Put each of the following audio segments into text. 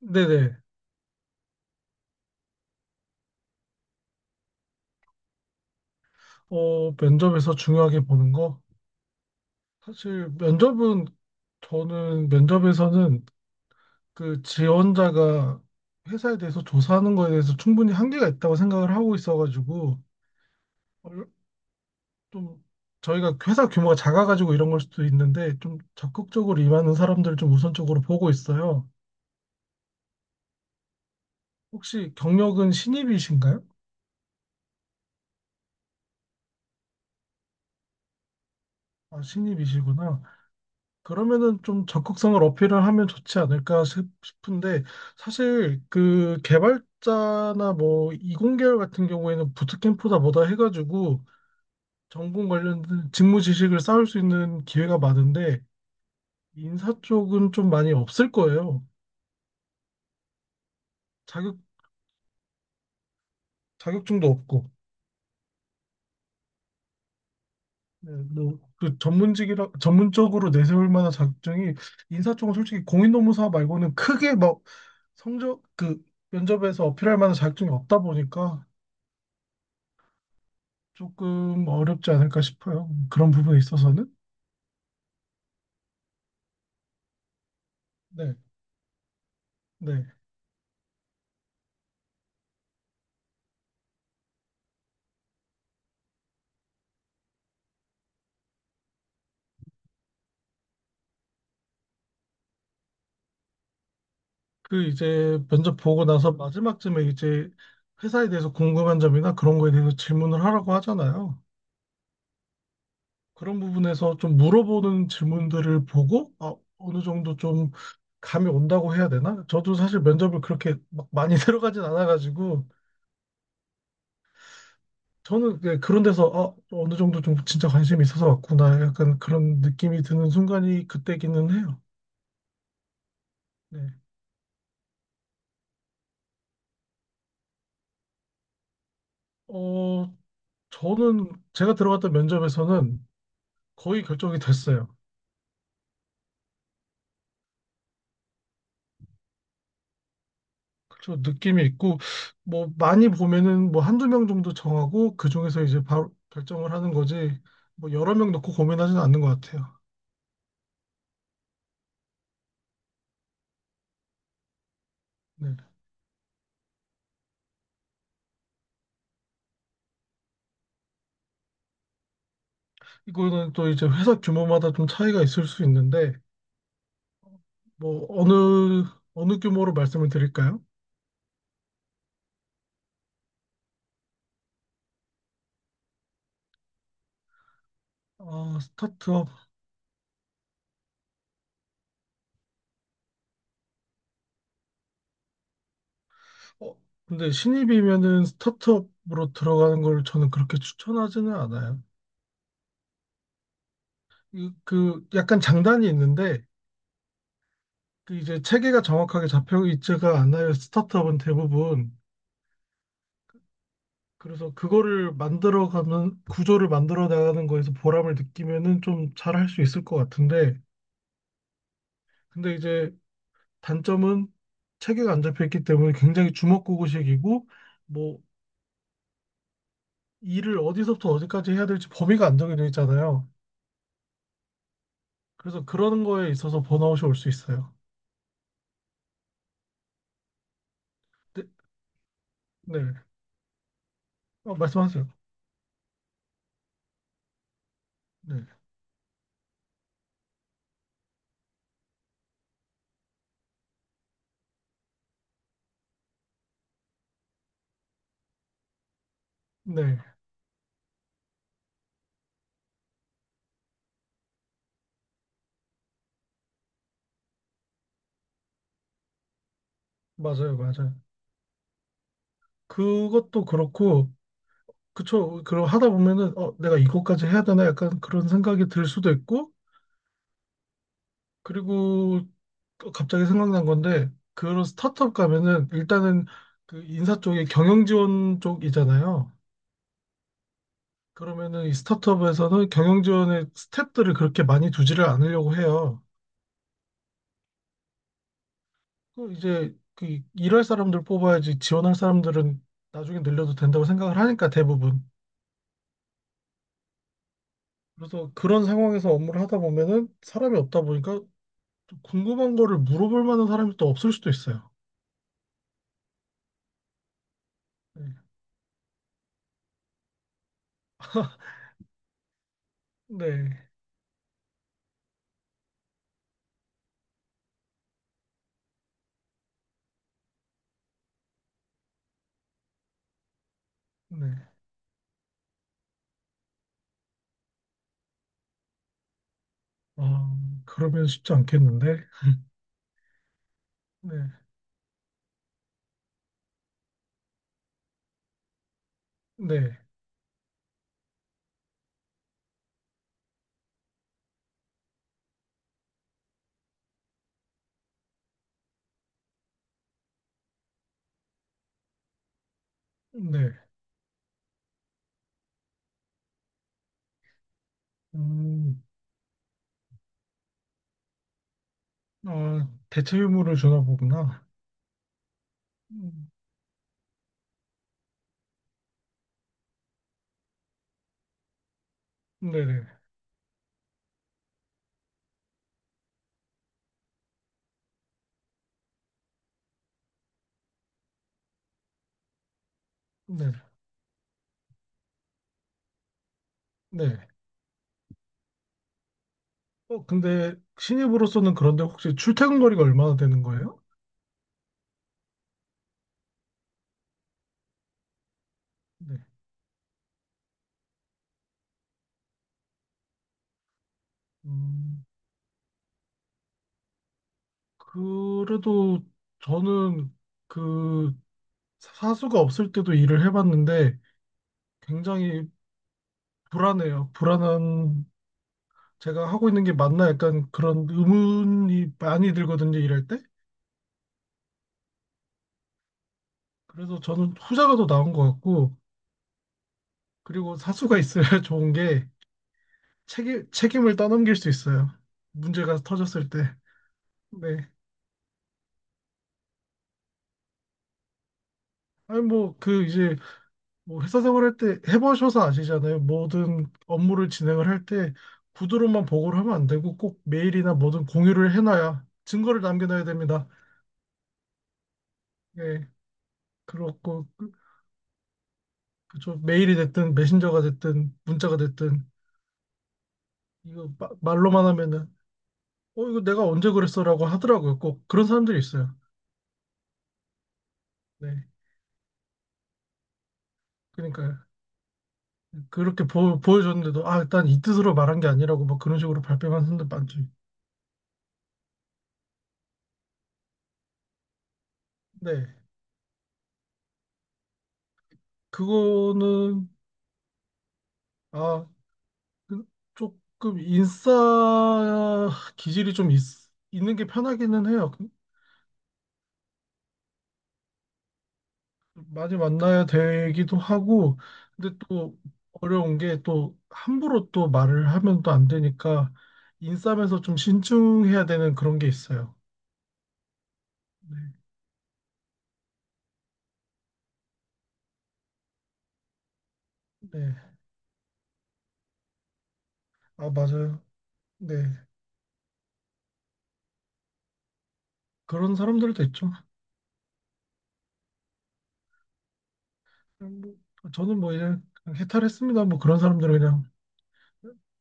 네네. 면접에서 중요하게 보는 거? 사실 면접은 저는 면접에서는 그 지원자가 회사에 대해서 조사하는 거에 대해서 충분히 한계가 있다고 생각을 하고 있어가지고 얼- 좀 저희가 회사 규모가 작아가지고 이런 걸 수도 있는데 좀 적극적으로 임하는 사람들을 좀 우선적으로 보고 있어요. 혹시 경력은 신입이신가요? 아, 신입이시구나. 그러면은 좀 적극성을 어필을 하면 좋지 않을까 싶은데 사실 그 개발자나 뭐 이공계열 같은 경우에는 부트캠프다 뭐다 해가지고 전공 관련된 직무 지식을 쌓을 수 있는 기회가 많은데 인사 쪽은 좀 많이 없을 거예요. 자격 자격증도 없고 네, 뭐그 전문직이라 전문적으로 내세울 만한 자격증이 인사 쪽은 솔직히 공인노무사 말고는 크게 막 성적 그 면접에서 어필할 만한 자격증이 없다 보니까 조금 어렵지 않을까 싶어요. 그런 부분에 있어서는. 네, 네. 그 이제 면접 보고 나서 마지막쯤에 이제 회사에 대해서 궁금한 점이나 그런 거에 대해서 질문을 하라고 하잖아요. 그런 부분에서 좀 물어보는 질문들을 보고, 아, 어느 정도 좀 감이 온다고 해야 되나? 저도 사실 면접을 그렇게 막 많이 들어가진 않아가지고, 저는 그 그런 데서, 아, 어느 정도 좀 진짜 관심이 있어서 왔구나. 약간 그런 느낌이 드는 순간이 그때기는 해요. 네. 어, 저는 제가 들어갔던 면접에서는 거의 결정이 됐어요. 그래서 느낌이 있고 뭐 많이 보면은 뭐 한두 명 정도 정하고 그 중에서 이제 바로 결정을 하는 거지 뭐 여러 명 놓고 고민하지는 않는 것 같아요. 네. 이거는 또 이제 회사 규모마다 좀 차이가 있을 수 있는데 뭐 어느 규모로 말씀을 드릴까요? 아, 스타트업. 어, 근데 신입이면은 스타트업으로 들어가는 걸 저는 그렇게 추천하지는 않아요. 그 약간 장단이 있는데 그 이제 체계가 정확하게 잡혀 있지가 않아요. 스타트업은 대부분. 그래서 그거를 만들어가는 구조를 만들어 나가는 거에서 보람을 느끼면은 좀 잘할 수 있을 것 같은데, 근데 이제 단점은 체계가 안 잡혀 있기 때문에 굉장히 주먹구구식이고, 뭐 일을 어디서부터 어디까지 해야 될지 범위가 안 정해져 있잖아요. 그래서 그런 거에 있어서 번아웃이 올 수 있어요. 네, 네. 말씀하세요. 네, 네, 맞아요, 맞아요. 그것도 그렇고. 그쵸. 그럼 하다 보면은, 어, 내가 이것까지 해야 되나? 약간 그런 생각이 들 수도 있고, 그리고 또 갑자기 생각난 건데, 그런 스타트업 가면은, 일단은 그 인사 쪽에 경영 지원 쪽이잖아요. 그러면은 이 스타트업에서는 경영 지원의 스텝들을 그렇게 많이 두지를 않으려고 해요. 그 이제 그 일할 사람들 뽑아야지 지원할 사람들은 나중에 늘려도 된다고 생각을 하니까 대부분. 그래서 그런 상황에서 업무를 하다 보면은 사람이 없다 보니까 또 궁금한 거를 물어볼 만한 사람이 또 없을 수도 있어요. 네. 네. 네. 아, 그러면 쉽지 않겠는데? 네. 네. 네. 음, 아, 대체 유무를 주나 보구나. 음, 네네. 네. 네. 근데 신입으로서는 그런데 혹시 출퇴근 거리가 얼마나 되는 거예요? 네. 음, 그래도 저는 그 사수가 없을 때도 일을 해봤는데 굉장히 불안해요. 불안한 제가 하고 있는 게 맞나 약간 그런 의문이 많이 들거든요, 일할 때. 그래서 저는 후자가 더 나은 것 같고, 그리고 사수가 있어야 좋은 게 책임, 책임을 떠넘길 수 있어요. 문제가 터졌을 때. 네. 아니, 뭐, 그, 이제, 뭐, 회사 생활할 때 해보셔서 아시잖아요. 모든 업무를 진행을 할 때 구두로만 보고를 하면 안 되고 꼭 메일이나 뭐든 공유를 해놔야 증거를 남겨놔야 됩니다. 예. 그렇고, 그죠. 메일이 됐든 메신저가 됐든 문자가 됐든 이거 말로만 하면은 어 이거 내가 언제 그랬어라고 하더라고요. 꼭 그런 사람들이 있어요. 네. 그러니까 그렇게 보여줬는데도 아 일단 이 뜻으로 말한 게 아니라고 막 그런 식으로 발뺌하는 사람들 많죠. 네. 그거는 아그 조금 인싸 기질이 있는 게 편하기는 해요. 많이 만나야 되기도 하고, 근데 또 어려운 게 또 함부로 또 말을 하면 또 안 되니까 인싸면서 좀 신중해야 되는 그런 게 있어요. 네, 네. 아, 맞아요. 네, 그런 사람들도 있죠. 그냥 뭐, 저는 뭐 이제 그냥 해탈했습니다. 뭐 그런 사람들은 그냥.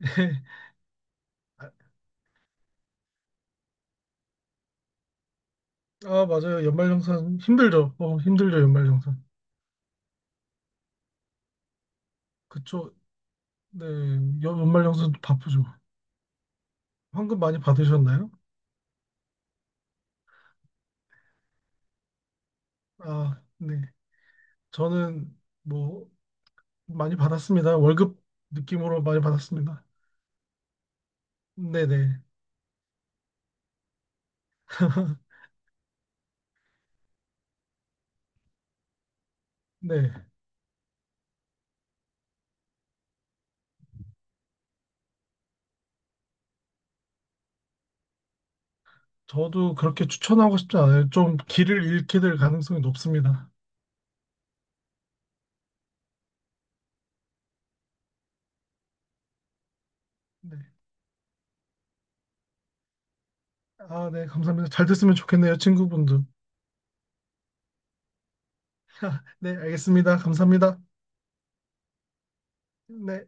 아, 맞아요. 연말정산 힘들죠. 힘들죠. 연말정산. 그쵸. 네, 연말정산 바쁘죠. 환급 많이 받으셨나요? 아, 네. 저는 뭐 많이 받았습니다. 월급 느낌으로 많이 받았습니다. 네네. 네. 저도 그렇게 추천하고 싶지 않아요. 좀 길을 잃게 될 가능성이 높습니다. 네. 아, 네. 감사합니다. 잘 됐으면 좋겠네요, 친구분도. 네, 알겠습니다. 감사합니다. 네.